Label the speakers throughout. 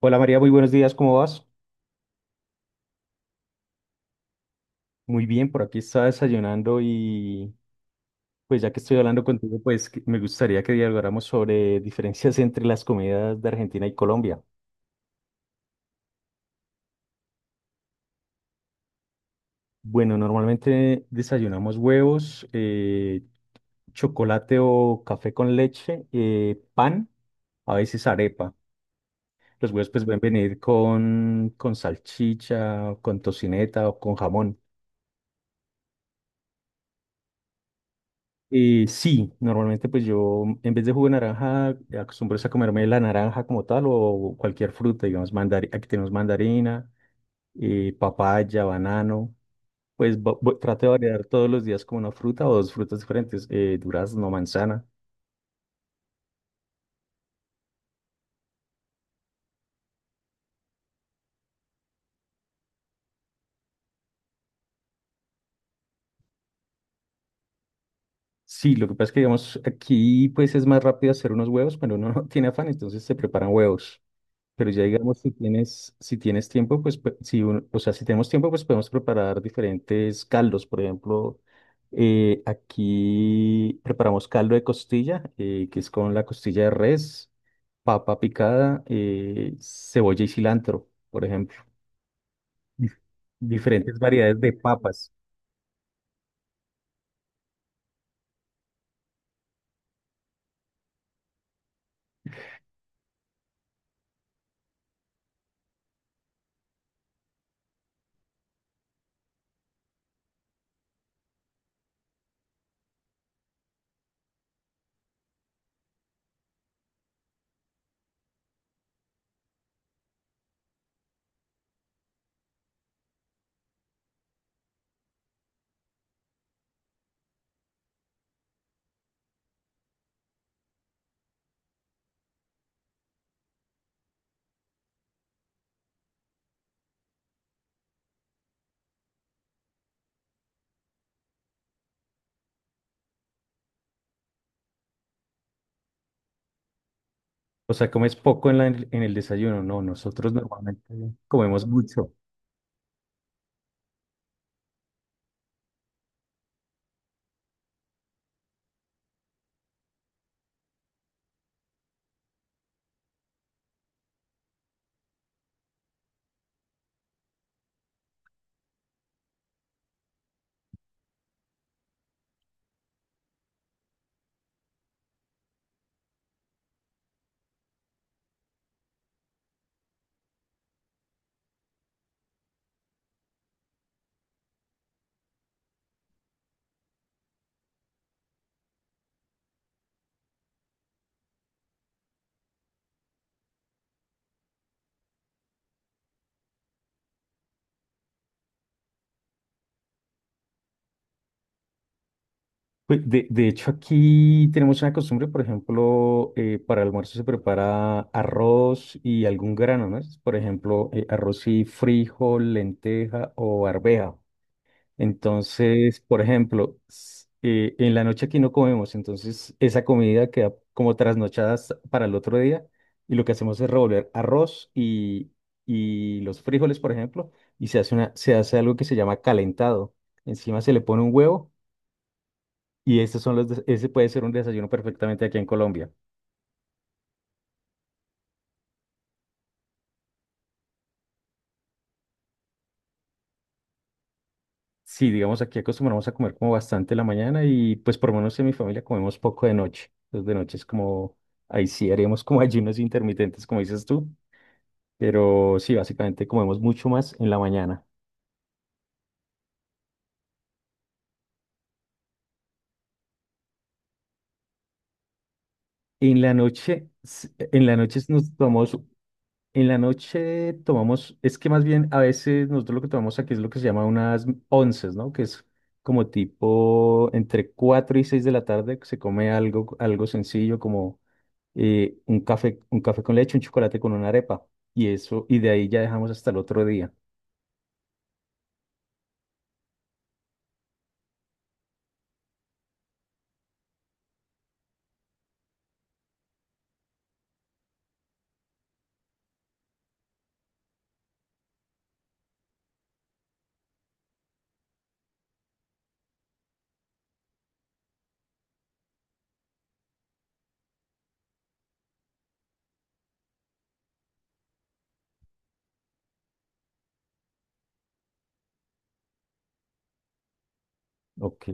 Speaker 1: Hola María, muy buenos días, ¿cómo vas? Muy bien, por aquí estaba desayunando y pues ya que estoy hablando contigo, me gustaría que dialogáramos sobre diferencias entre las comidas de Argentina y Colombia. Bueno, normalmente desayunamos huevos, chocolate o café con leche, pan, a veces arepa. Los huevos pues pueden venir con salchicha, con tocineta o con jamón. Sí, normalmente pues yo en vez de jugo de naranja acostumbro es a comerme la naranja como tal o cualquier fruta, digamos, aquí tenemos mandarina, papaya, banano, pues trato de variar todos los días como una fruta o dos frutas diferentes, durazno, manzana. Sí, lo que pasa es que digamos aquí pues es más rápido hacer unos huevos, pero uno no tiene afán, entonces se preparan huevos. Pero ya digamos, si tienes tiempo, o sea, si tenemos tiempo, pues podemos preparar diferentes caldos. Por ejemplo, aquí preparamos caldo de costilla, que es con la costilla de res, papa picada, cebolla y cilantro, por ejemplo. Dif- Diferentes variedades de papas. O sea, comes poco en el desayuno. No, nosotros normalmente comemos mucho. Pues, de hecho, aquí tenemos una costumbre, por ejemplo, para el almuerzo se prepara arroz y algún grano, ¿no? Es, por ejemplo, arroz y frijol, lenteja o arveja. Entonces, por ejemplo, en la noche aquí no comemos, entonces esa comida queda como trasnochada para el otro día, y lo que hacemos es revolver arroz y los frijoles, por ejemplo, y se hace una, se hace algo que se llama calentado. Encima se le pone un huevo y estos son ese puede ser un desayuno perfectamente aquí en Colombia. Sí, digamos, aquí acostumbramos a comer como bastante en la mañana y pues por lo menos en mi familia comemos poco de noche. Entonces de noche es como, ahí sí haríamos como ayunos intermitentes, como dices tú, pero sí, básicamente comemos mucho más en la mañana. En la noche nos tomamos, en la noche tomamos, es que más bien a veces nosotros lo que tomamos aquí es lo que se llama unas onces, ¿no? Que es como tipo entre 4 y 6 de la tarde se come algo, algo sencillo como un café con leche, un chocolate con una arepa. Y eso, y de ahí ya dejamos hasta el otro día. Ok,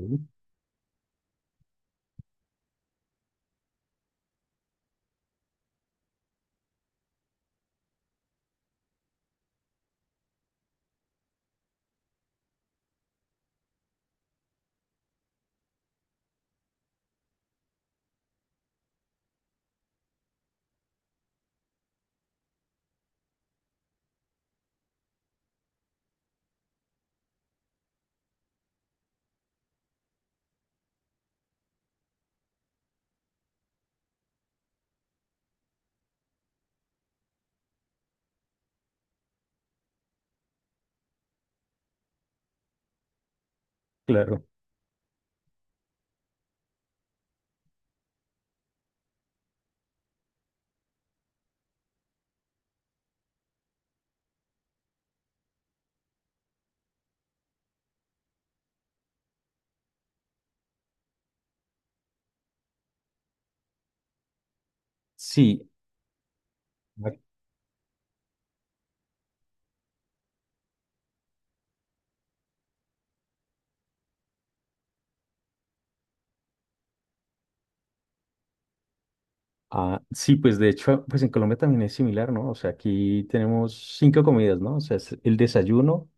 Speaker 1: claro. Sí. Ah, sí, pues de hecho, pues en Colombia también es similar, ¿no? O sea, aquí tenemos cinco comidas, ¿no? O sea, es el desayuno.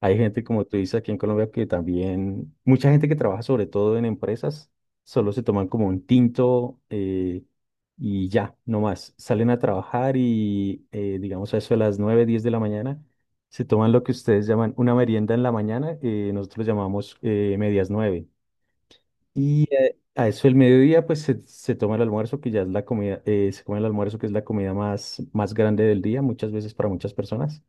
Speaker 1: Hay gente, como tú dices, aquí en Colombia que también, mucha gente que trabaja sobre todo en empresas, solo se toman como un tinto y ya, no más. Salen a trabajar y, digamos, a eso de las 9, 10 de la mañana, se toman lo que ustedes llaman una merienda en la mañana, nosotros llamamos medias 9. Y a eso el mediodía, pues se toma el almuerzo, que ya es la comida, se come el almuerzo, que es la comida más grande del día, muchas veces para muchas personas.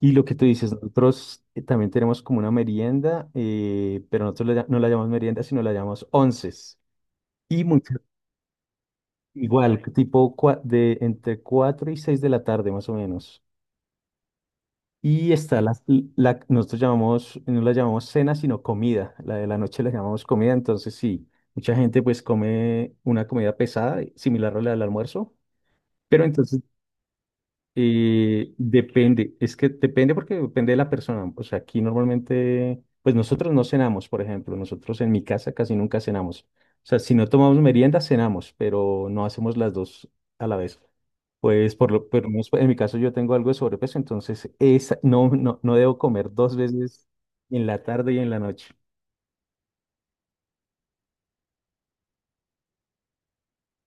Speaker 1: Y lo que tú dices, nosotros también tenemos como una merienda, pero nosotros no la llamamos merienda, sino la llamamos onces. Y mucho, igual, tipo de entre 4 y 6 de la tarde, más o menos. Y está la, nosotros llamamos, no la llamamos cena, sino comida. La de la noche la llamamos comida, entonces sí, mucha gente pues come una comida pesada, similar a la del almuerzo. Pero entonces, depende, es que depende porque depende de la persona. O sea, aquí normalmente, pues nosotros no cenamos, por ejemplo, nosotros en mi casa casi nunca cenamos. O sea, si no tomamos merienda, cenamos, pero no hacemos las dos a la vez. Pues por lo menos en mi caso yo tengo algo de sobrepeso, entonces esa, no debo comer dos veces en la tarde y en la noche.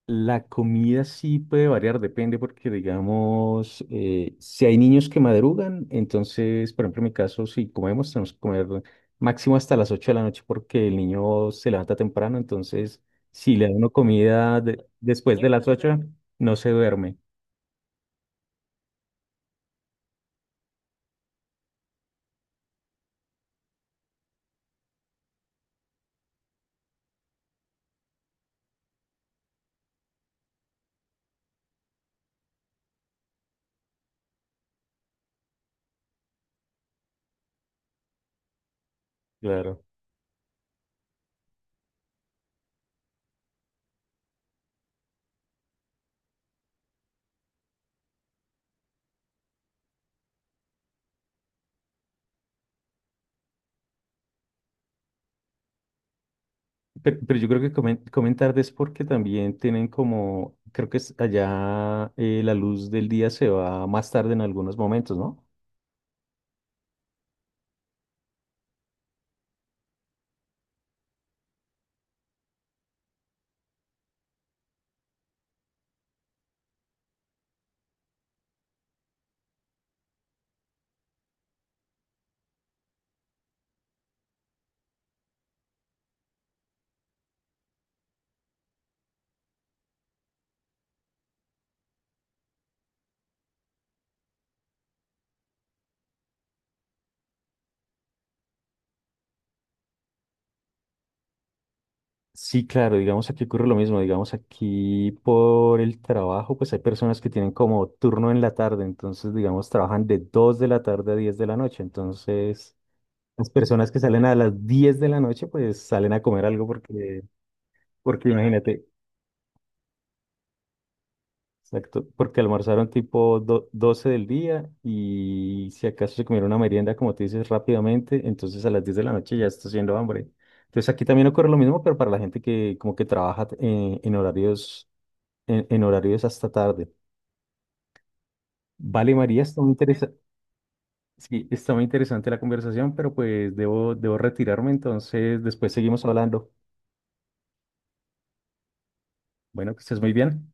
Speaker 1: La comida sí puede variar, depende porque, digamos, si hay niños que madrugan, entonces, por ejemplo, en mi caso, si comemos, tenemos que comer máximo hasta las 8 de la noche porque el niño se levanta temprano, entonces, si le da uno después de las 8 no se duerme, claro. Pero yo creo que comen tarde es porque también tienen como, creo que es allá la luz del día se va más tarde en algunos momentos, ¿no? Sí, claro, digamos aquí ocurre lo mismo, digamos aquí por el trabajo, pues hay personas que tienen como turno en la tarde, entonces digamos trabajan de 2 de la tarde a 10 de la noche, entonces las personas que salen a las 10 de la noche pues salen a comer algo porque, porque imagínate, exacto, porque almorzaron tipo 12 del día y si acaso se comieron una merienda como tú dices rápidamente, entonces a las 10 de la noche ya está haciendo hambre. Entonces aquí también ocurre lo mismo, pero para la gente que como que trabaja en horarios en horarios hasta tarde. Vale, María, está muy interesante. Sí, está muy interesante la conversación, pero pues debo retirarme, entonces después seguimos hablando. Bueno, que estés muy bien.